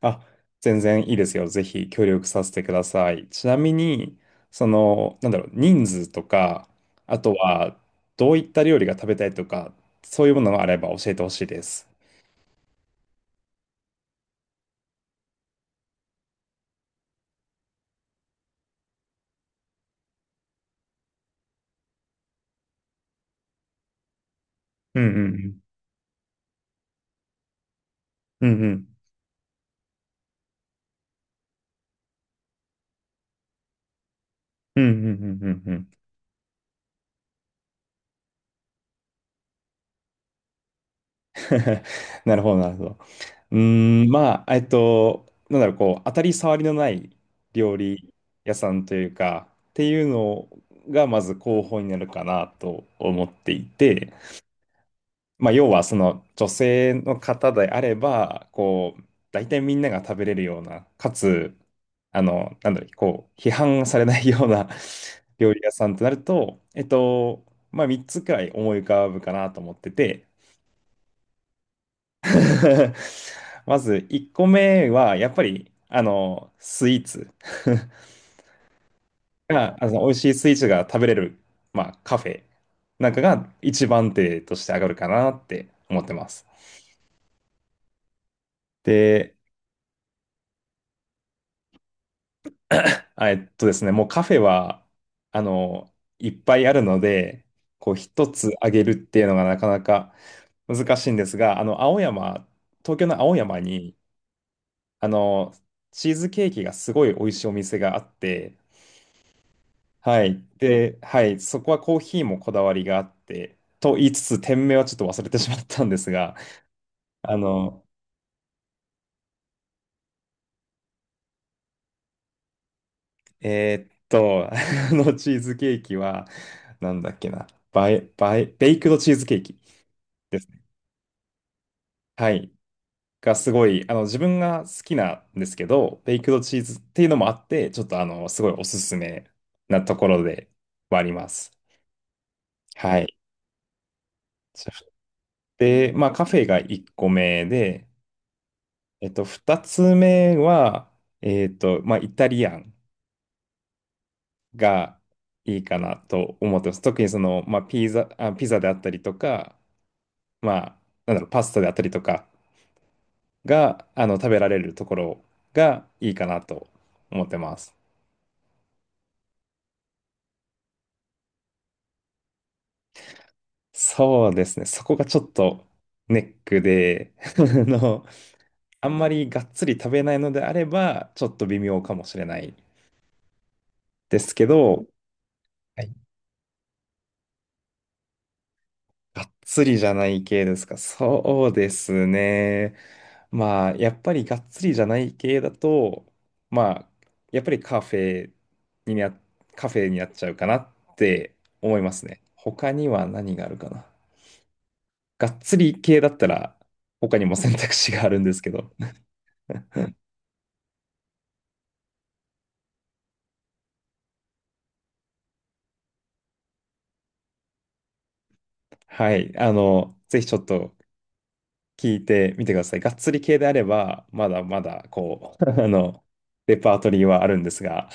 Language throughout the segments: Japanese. あ、全然いいですよ。ぜひ協力させてください。ちなみに、人数とか、あとは、どういった料理が食べたいとか、そういうものがあれば教えてほしいです。うんうんうん。うんうん。うんうんうんうんうん。なるほど、なるほど。当たり障りのない料理屋さんというか、っていうのが、まず候補になるかなと思っていて、まあ、要はその女性の方であれば、こう、大体みんなが食べれるような、かつ、批判されないような 料理屋さんとなると、3つくらい思い浮かぶかなと思ってて、まず1個目は、やっぱり、スイーツ が、美味しいスイーツが食べれる、まあ、カフェなんかが一番手として上がるかなって思ってます。で、あえっとですね、もうカフェは、あの、いっぱいあるので、こう一つあげるっていうのがなかなか難しいんですが、あの、青山、東京の青山に、あの、チーズケーキがすごい美味しいお店があって、はい。で、はい、そこはコーヒーもこだわりがあって、と言いつつ、店名はちょっと忘れてしまったんですが、あの、あのチーズケーキは、なんだっけな、バイ、バイ、ベイクドチーズケーキですね。はい。がすごい、あの、自分が好きなんですけど、ベイクドチーズっていうのもあって、ちょっとあの、すごいおすすめなところではあります。はい。そして、まあ、カフェが1個目で、2つ目は、イタリアンがいいかなと思ってます。特にその、まあ、ピザであったりとか、まあ、パスタであったりとかが、食べられるところがいいかなと思ってます。そうですね。そこがちょっとネックで、あの、あんまりがっつり食べないのであれば、ちょっと微妙かもしれないですけど、はい。がっつりじゃない系ですか。そうですね。まあ、やっぱりがっつりじゃない系だと、まあ、やっぱりにな、カフェになっちゃうかなって思いますね。他には何があるかな。がっつり系だったら、他にも選択肢があるんですけど。はい。あの、ぜひちょっと聞いてみてください。がっつり系であれば、まだまだ、こう、あの、レパートリーはあるんですが。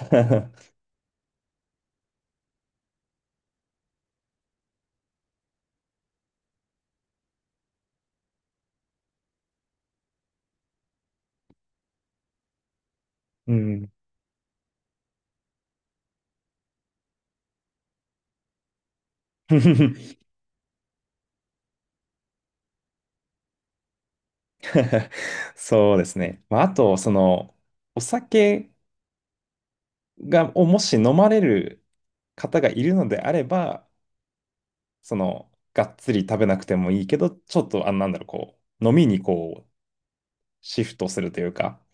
うん。そうですね。まあ、あと、その、お酒をもし飲まれる方がいるのであれば、その、がっつり食べなくてもいいけど、ちょっと、あ、なんだろう、こう、飲みにシフトするというか、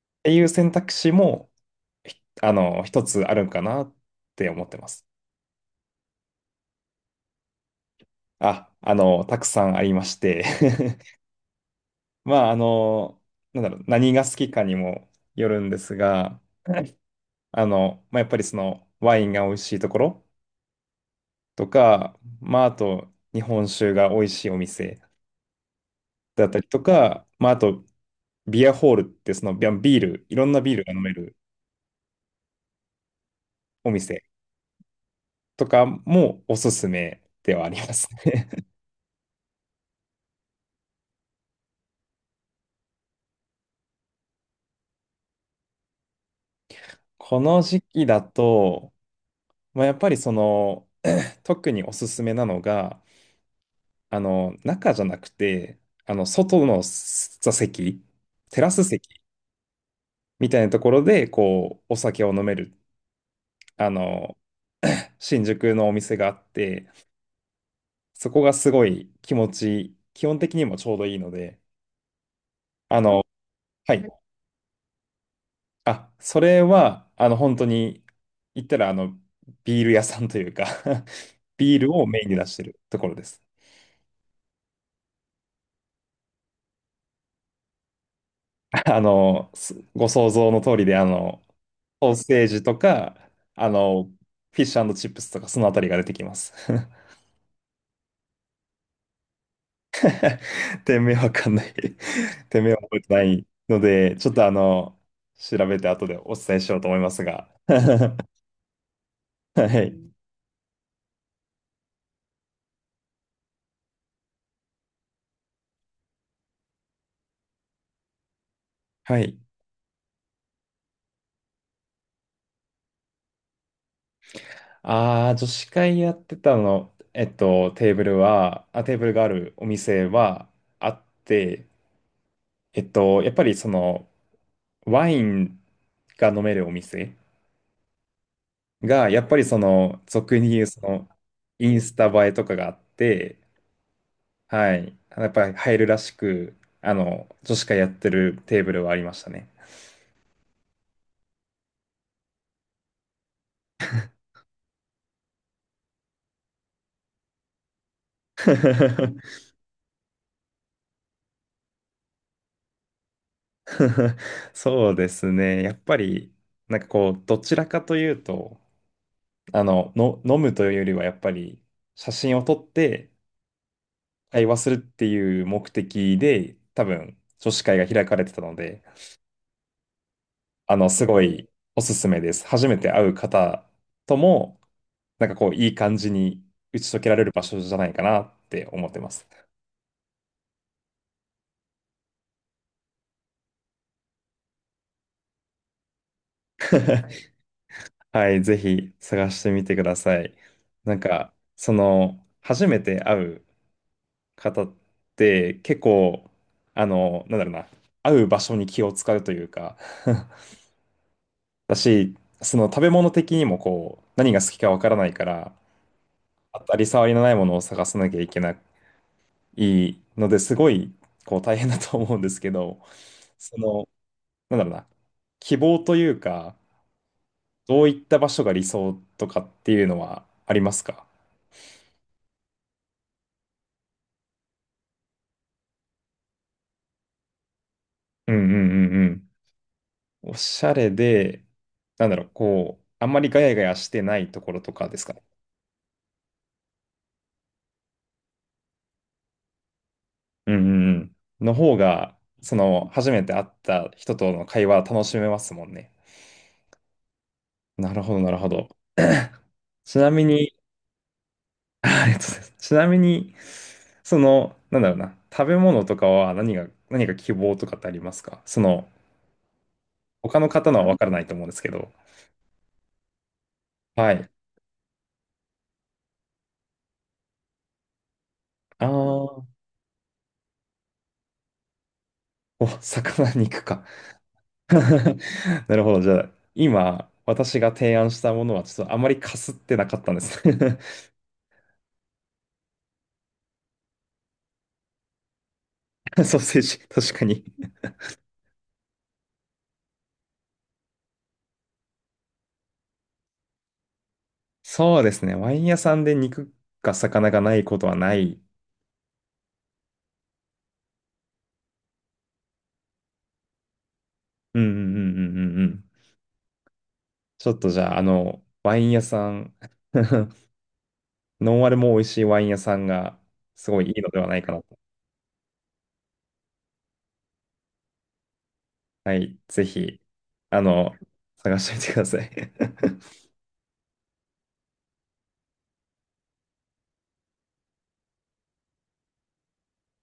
っていう選択肢も、ひあの、一つあるんかなって思ってます。たくさんありまして まあ、あの、何が好きかにもよるんですが、やっぱりその、ワインが美味しいところとか、まあ、あと、日本酒が美味しいお店だったりとか、まあ、あと、ビアホールってそのビアビール、いろんなビールが飲めるお店とかもおすすめではありますね。 この時期だと、まあ、やっぱりその、特におすすめなのが、あの、中じゃなくて、あの、外の座席、テラス席みたいなところで、こう、お酒を飲める、あの、新宿のお店があって、そこがすごい気持ちいい、基本的にもちょうどいいので、あの、はい。あ、それは、あの、本当に、言ったら、あの、ビール屋さんというか ビールをメインに出してるところです。あの、すご想像の通りで、あの、ソーセージとか、あの、フィッシュチップスとか、そのあたりが出てきます。店名わかんない。 店名は覚えてないので、ちょっとあの、調べて後でお伝えしようと思いますが。はい。はい。ああ、女子会やってたの、テーブルがあるお店はあって、えっと、やっぱりその、ワインが飲めるお店が、やっぱりその、俗に言うその、インスタ映えとかがあって、はい。やっぱり入るらしく、あの、女子会やってるテーブルはありましたね。そうですね。やっぱり、なんかこう、どちらかというと、飲むというよりは、やっぱり、写真を撮って会話するっていう目的で、多分、女子会が開かれてたので、あの、すごいおすすめです。初めて会う方とも、なんかこう、いい感じに打ち解けられる場所じゃないかなって思ってます。はい、ぜひ探してみてください。なんか、その、初めて会う方って結構、あの、なんだろうな、会う場所に気を使うというか。 だし、その食べ物的にもこう、何が好きかわからないから、当たり障りのないものを探さなきゃいけないのですごいこう大変だと思うんですけど、その、なんだろうな、希望というか、どういった場所が理想とかっていうのはありますか？うんうんうんうん。おしゃれで、なんだろう、こう、あんまりガヤガヤしてないところとかですかね。うんうんうん。の方が、その、初めて会った人との会話楽しめますもんね。なるほど、なるほど。ちなみに、ありがとうございます。ちなみに、その、なんだろうな、食べ物とかは何が、何か希望とかってありますか？その、他の方のは分からないと思うんですけど。はい。ああ、お、魚肉か。なるほど。じゃあ、今、私が提案したものは、ちょっとあまりかすってなかったんです。ソーセージ、確かに。そうですね。ワイン屋さんで肉か魚がないことはない。うんうんうんうんうんうん。ちょっとじゃあ、あの、ワイン屋さん ノンアルも美味しいワイン屋さんがすごいいいのではないかなと。はい、ぜひ、あの、探してみてください。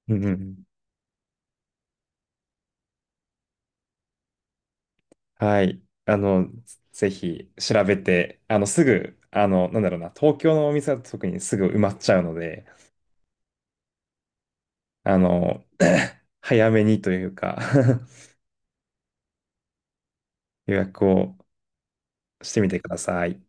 うんうん。はい、あの、ぜひ調べて、あの、すぐ、あの、なんだろうな、東京のお店だと特にすぐ埋まっちゃうので、あの、早めにというか。 予約をしてみてください。